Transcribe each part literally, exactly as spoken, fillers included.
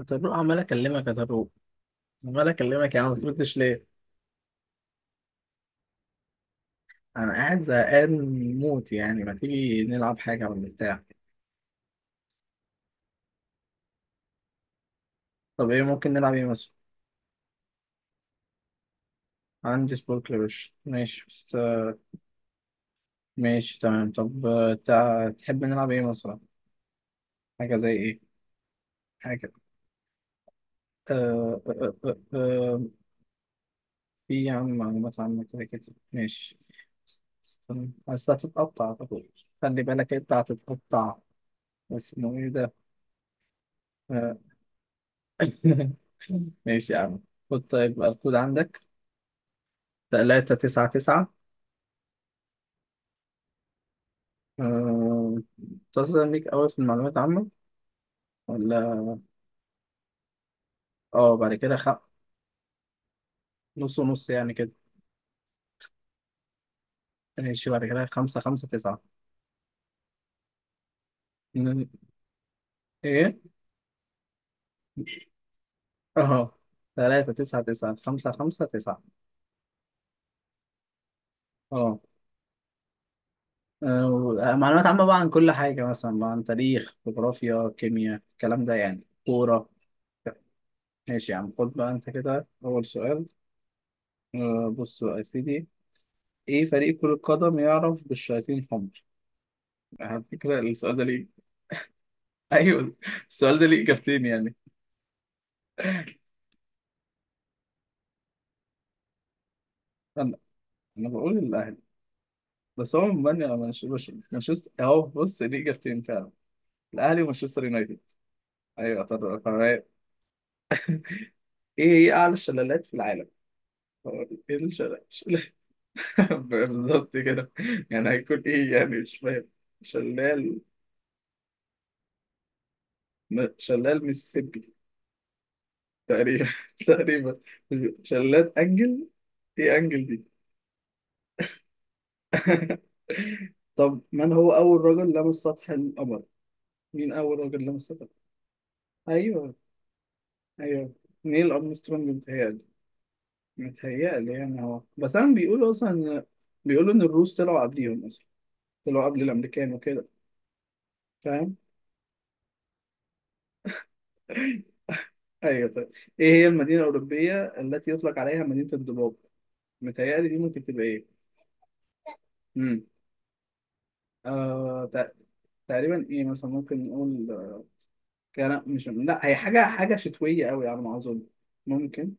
يا طارق، عمال اكلمك يا طارق، عمال اكلمك يا عم، ما بتردش ليه؟ انا قاعد زهقان موت، يعني ما تيجي نلعب حاجه ولا بتاع؟ طب ايه ممكن نلعب، ايه مثلا؟ عندي سبورك يا باشا، ماشي بس. ماشي تمام، طب آه، تع... تحب نلعب ايه مثلا؟ حاجه زي ايه؟ حاجه آه... آه... آه... آه... آه، في يا عم، معلومات عامه كده كده. ماشي تمام. بس هتتقطع يا طارق، خلي بالك انت هتتقطع. اسمه ايه ده؟ آه، ماشي يا عم. خد طيب الكود عندك: تلاتة تسعة تسعة. آه، متصلة بيك أوي في المعلومات العامة، ولا؟ اه، بعد كده خ... نص ونص يعني كده. ماشي، بعد كده خمسة خمسة تسعة. ن- ايه؟ اه، تلاتة تسعة تسعة خمسة خمسة تسعة. اه. آه، و- معلومات عامة بقى عن كل حاجة، مثلا بقى عن تاريخ، جغرافيا، كيمياء، الكلام ده، يعني كورة. ماشي يا عم، خد بقى انت كده أول سؤال. آه، بص بقى يا سيدي، ايه فريق كرة قدم يعرف بالشياطين الحمر؟ على فكرة السؤال ده ليه، ايوه السؤال ده ليه اجابتين يعني. انا انا بقول الاهلي، بس هو من مانشستر مانشستر اهو، بص ليه اجابتين فعلا. الاهلي ومانشستر يونايتد. ايوه، طب طب أيوة. ايه هي اعلى الشلالات في العالم؟ هو ايه الشلال؟ شلال بالظبط كده. يعني هيكون ايه يعني، مش فاهم. شلال م- شلال ميسيسيبي. تقريبا تقريبا. شلال انجل، ايه انجل دي؟ طب، من هو اول رجل لمس سطح القمر؟ مين اول رجل لمس سطح؟ ايوه. ايوه. نيل ارمسترونج متهيألي. متهيألي يعني هو، بس انا بيقولوا اصلا إن- بيقولوا ان الروس طلعوا قبليهم اصلا، طلعوا قبل الامريكان وكده. فاهم. ايوه طيب. ايه هي المدينه الاوروبيه التي يطلق عليها مدينه الضباب؟ متهيألي دي ممكن تبقى ايه. امم آه تق- تقريبا ايه مثلا، ممكن نقول آه، كان، مش لا، هي حاجه حاجه شتويه قوي على ما اظن. ممكن.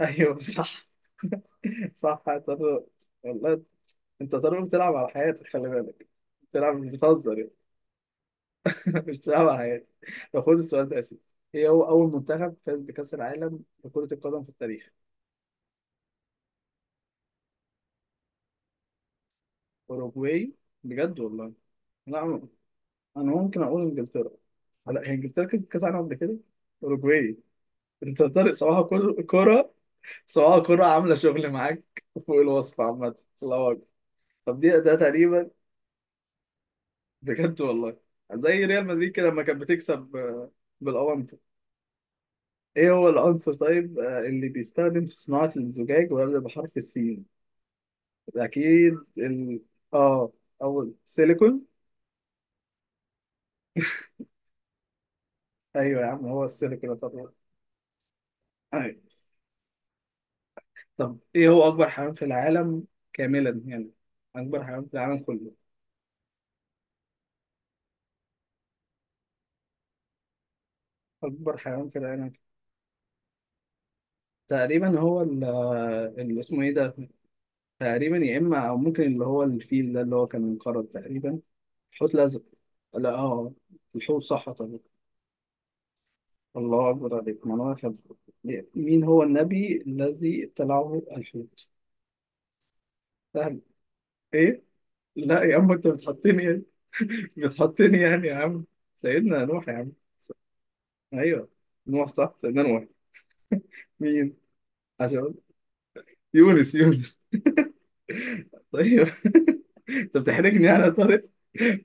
ايوه صح. صح هتضرب. والله، انت طالما بتلعب على حياتك خلي بالك، بتلعب مش بتهزر يعني. مش بتلعب على حياتك. طب خد السؤال ده يا سيدي، ايه هو اول منتخب فاز بكأس العالم لكرة القدم في التاريخ؟ اوروجواي؟ بجد والله. لا انا، أنا ممكن اقول انجلترا. لا، هي انجلترا كسبت كأس العالم قبل كده. اوروجواي. انت طارق صباح كل كرة، صباح كرة، عاملة شغل معاك فوق الوصف عامة. الله اكبر. طب دي ده تقريبا، بجد والله، زي ريال مدريد كده لما كانت بتكسب بالأونت. ايه هو العنصر طيب آه، اللي بيستخدم في صناعة الزجاج ويبدأ بحرف السين؟ اكيد ال... اه اول سيليكون. ايوه يا عم، هو السيليكون طبعا. ايوه. طب ايه هو اكبر حيوان في العالم، كاملا يعني، اكبر حيوان في العالم كله؟ اكبر حيوان في العالم تقريبا هو ال- آه، اللي اسمه ايه ده، تقريبا يا اما او ممكن اللي هو الفيل ده اللي هو كان منقرض تقريبا. حوت الازرق. لا اه، الحوت صح طبعا. الله أكبر عليك، ما أنا أخذ. مين هو النبي الذي ابتلعه الحوت؟ سهل. إيه؟ لا يا عم، أنت بتحطني يعني. بتحطني يعني يا عم. سيدنا نوح يا عم. أيوه، نوح صح، سيدنا نوح. مين؟ عشان يونس، يونس. طيب. أنت بتحرجني يعني يا طارق،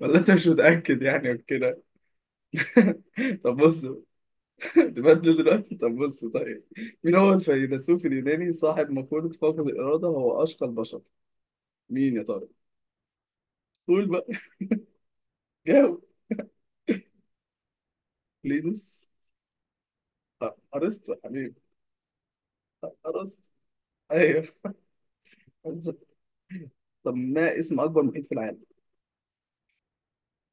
ولا أنت مش متأكد يعني وكده. طب بص، تبدل دلوقتي، طب بص طيب. مين هو الفيلسوف اليوناني صاحب مقولة فقد الإرادة هو أشقى البشر؟ مين يا طارق؟ قول بقى، جاوب. لينوس. أ- ارسطو يا حبيبي. أ- ارسطو. ايوه. طب ما اسم اكبر محيط في العالم؟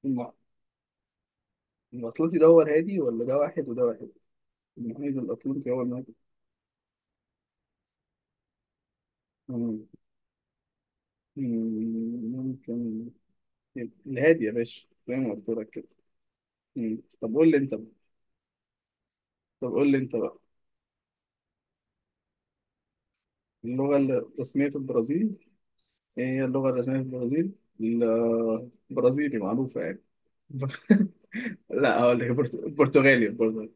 الم- الاطلنطي ده هو الهادي، ولا ده واحد وده واحد؟ المحيط الاطلنطي هو الهادي. مم. مم. ممكن. الهادي يا باشا، زي ما قلت لك كده. مم. طب قول لي انت بقى طب قول لي انت بقى اللغة الرسمية في البرازيل، ايه هي اللغة الرسمية في البرازيل؟ ال- البرازيلي معروفة يعني. لا، هقول لك البرت- البرتغالي البرتغالي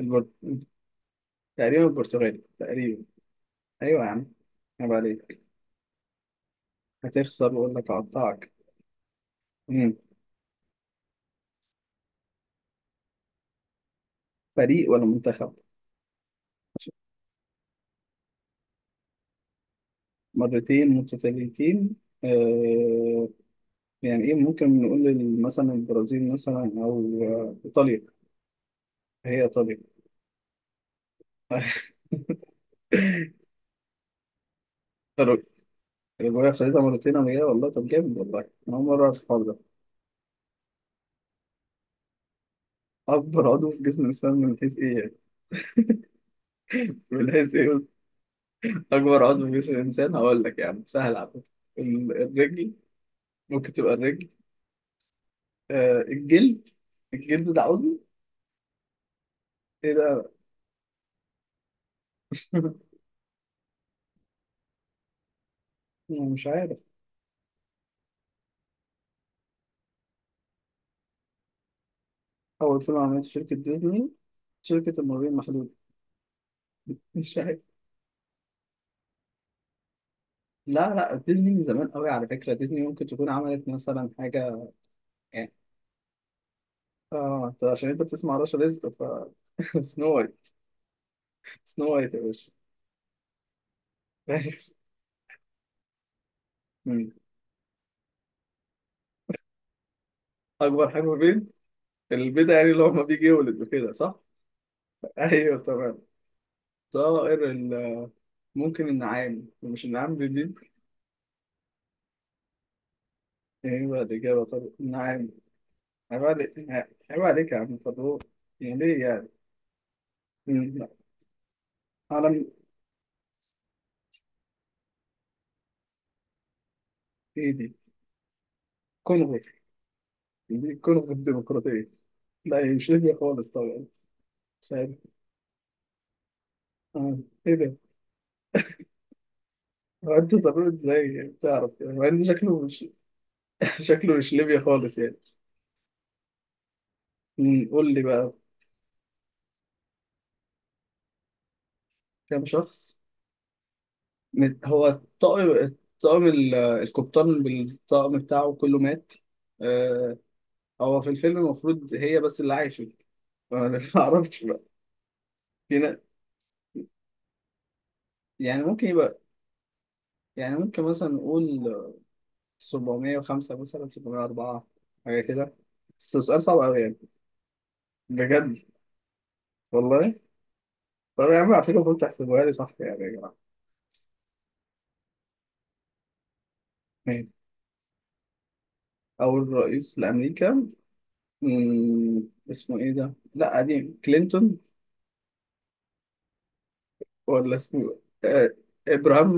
البرت- تقريبا البرتغالي تقريبا. ايوه يا عم، عيب عليك. هتخسر واقول لك هقطعك. مم. فريق ولا منتخب؟ مرتين متتاليتين. آه. يعني ايه، ممكن نقول لل- مثلا البرازيل مثلا او آه، ايطاليا. هي ايطاليا. الرجوله خدتها مرتين قبل كده والله، طب جامد والله. انا اول مره اعرف الحوار ده. اكبر عضو في جسم الانسان من حيث ايه يعني؟ من حيث ايه؟ اكبر عضو في جسم الانسان، هقول لك يعني سهل على فكره. ال- الرجل. ممكن تبقى الرجل. آه، الجلد. الجلد ده عضو. ايه ده؟ يعني مش عارف. أول فيلم عملته شركة ديزني؟ شركة المرورين المحدودة. مش عارف. لا لا، ديزني من زمان قوي على فكرة، ديزني ممكن تكون عملت مثلا حاجة يعني. اه، انت عشان انت بتسمع رشا رزق ف سنو وايت. سنو وايت يا باشا. مم. أكبر حاجة في البيت، البيضة يعني اللي هو ما بيجي يولد وكده صح؟ أيوه تمام. طائر ال- ممكن النعام، مش النعام بالبيض؟ ايه بقى الإجابة؟ طب النعام. عيب عليك. عيب عليك يا عم، طب هو يعني ليه يعني؟ مم. لا. عالم. ايه دي؟ كونغو. دي كونغو الديمقراطية. لا، هي مش ليبيا خالص طبعا. مش عارف. آه. ايه ده؟ هو انت ضروري ازاي يعني بتعرف، يعني مع ان شكله مش شكله مش ليبيا خالص يعني. أمم، قول لي بقى. كام شخص؟ من- هو الطاقم، الطاقم ال- القبطان بالطاقم بتاعه كله مات. آه، هو في الفيلم المفروض هي بس اللي عايشة. أنا ما اعرفش بقى. في نا- يعني ممكن يبقى، يعني ممكن مثلا نقول سبعمائة وخمسة مثلا، سبعمائة واربعة، حاجة كده. بس سؤال صعب أوي يعني، بجد والله. طب يا عم على فكرة المفروض تحسبوها لي صح يعني يا جماعة. ماشي. أول رئيس لأمريكا. مم، اسمه إيه ده؟ لا قديم، كلينتون ولا اسمه إيه؟ آه إبراهام.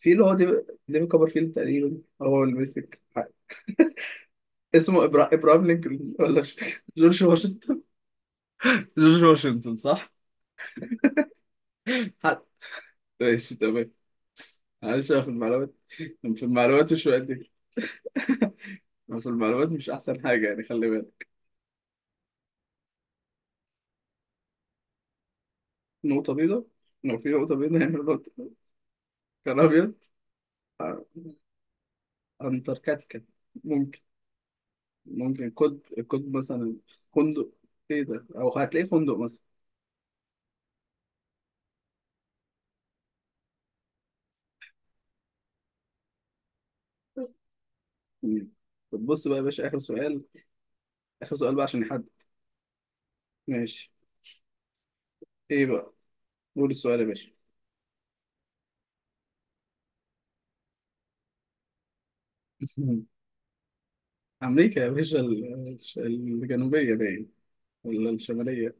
في اللي هو ديفيد، ديفيد كوبرفيلد تقريبا هو اللي مسك اسمه إبرا... إبراهام لينكولن، ولا مش فاكر. جورج واشنطن. جورج واشنطن صح؟ حد. ماشي تمام. معلش، أنا في المعلومات، في المعلومات شوية، بس المعلومات مش أحسن حاجة يعني، خلي بالك. نقطة بيضاء، لو في نقطة بيضاء هيعمل نقطة، كان أبيض. آه، أنتاركتيكا. ممكن. ممكن كود. كود مثلا. فندق. إيه ده، أو هتلاقيه فندق مثلا. مم. طب بص بقى يا باشا، آخر سؤال. آخر سؤال بقى عشان نحدد. ماشي. إيه بقى؟ قول السؤال يا باشا. أمريكا يا باشا، ال- الش- الجنوبية باين، ولا الشمالية؟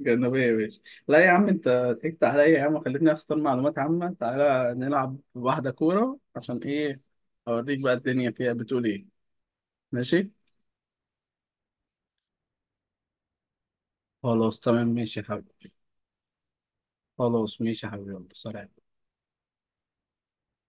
جنبية يا باشا. لا يا عم، انت ضحكت عليا يا عم وخلتني اختار معلومات عامة، تعالى نلعب واحدة كورة عشان ايه. اوريك بقى الدنيا فيها بتقول ايه. ماشي. خلاص تمام، ماشي يا حبيبي. خلاص، ماشي يا حبيبي، يلا سلام.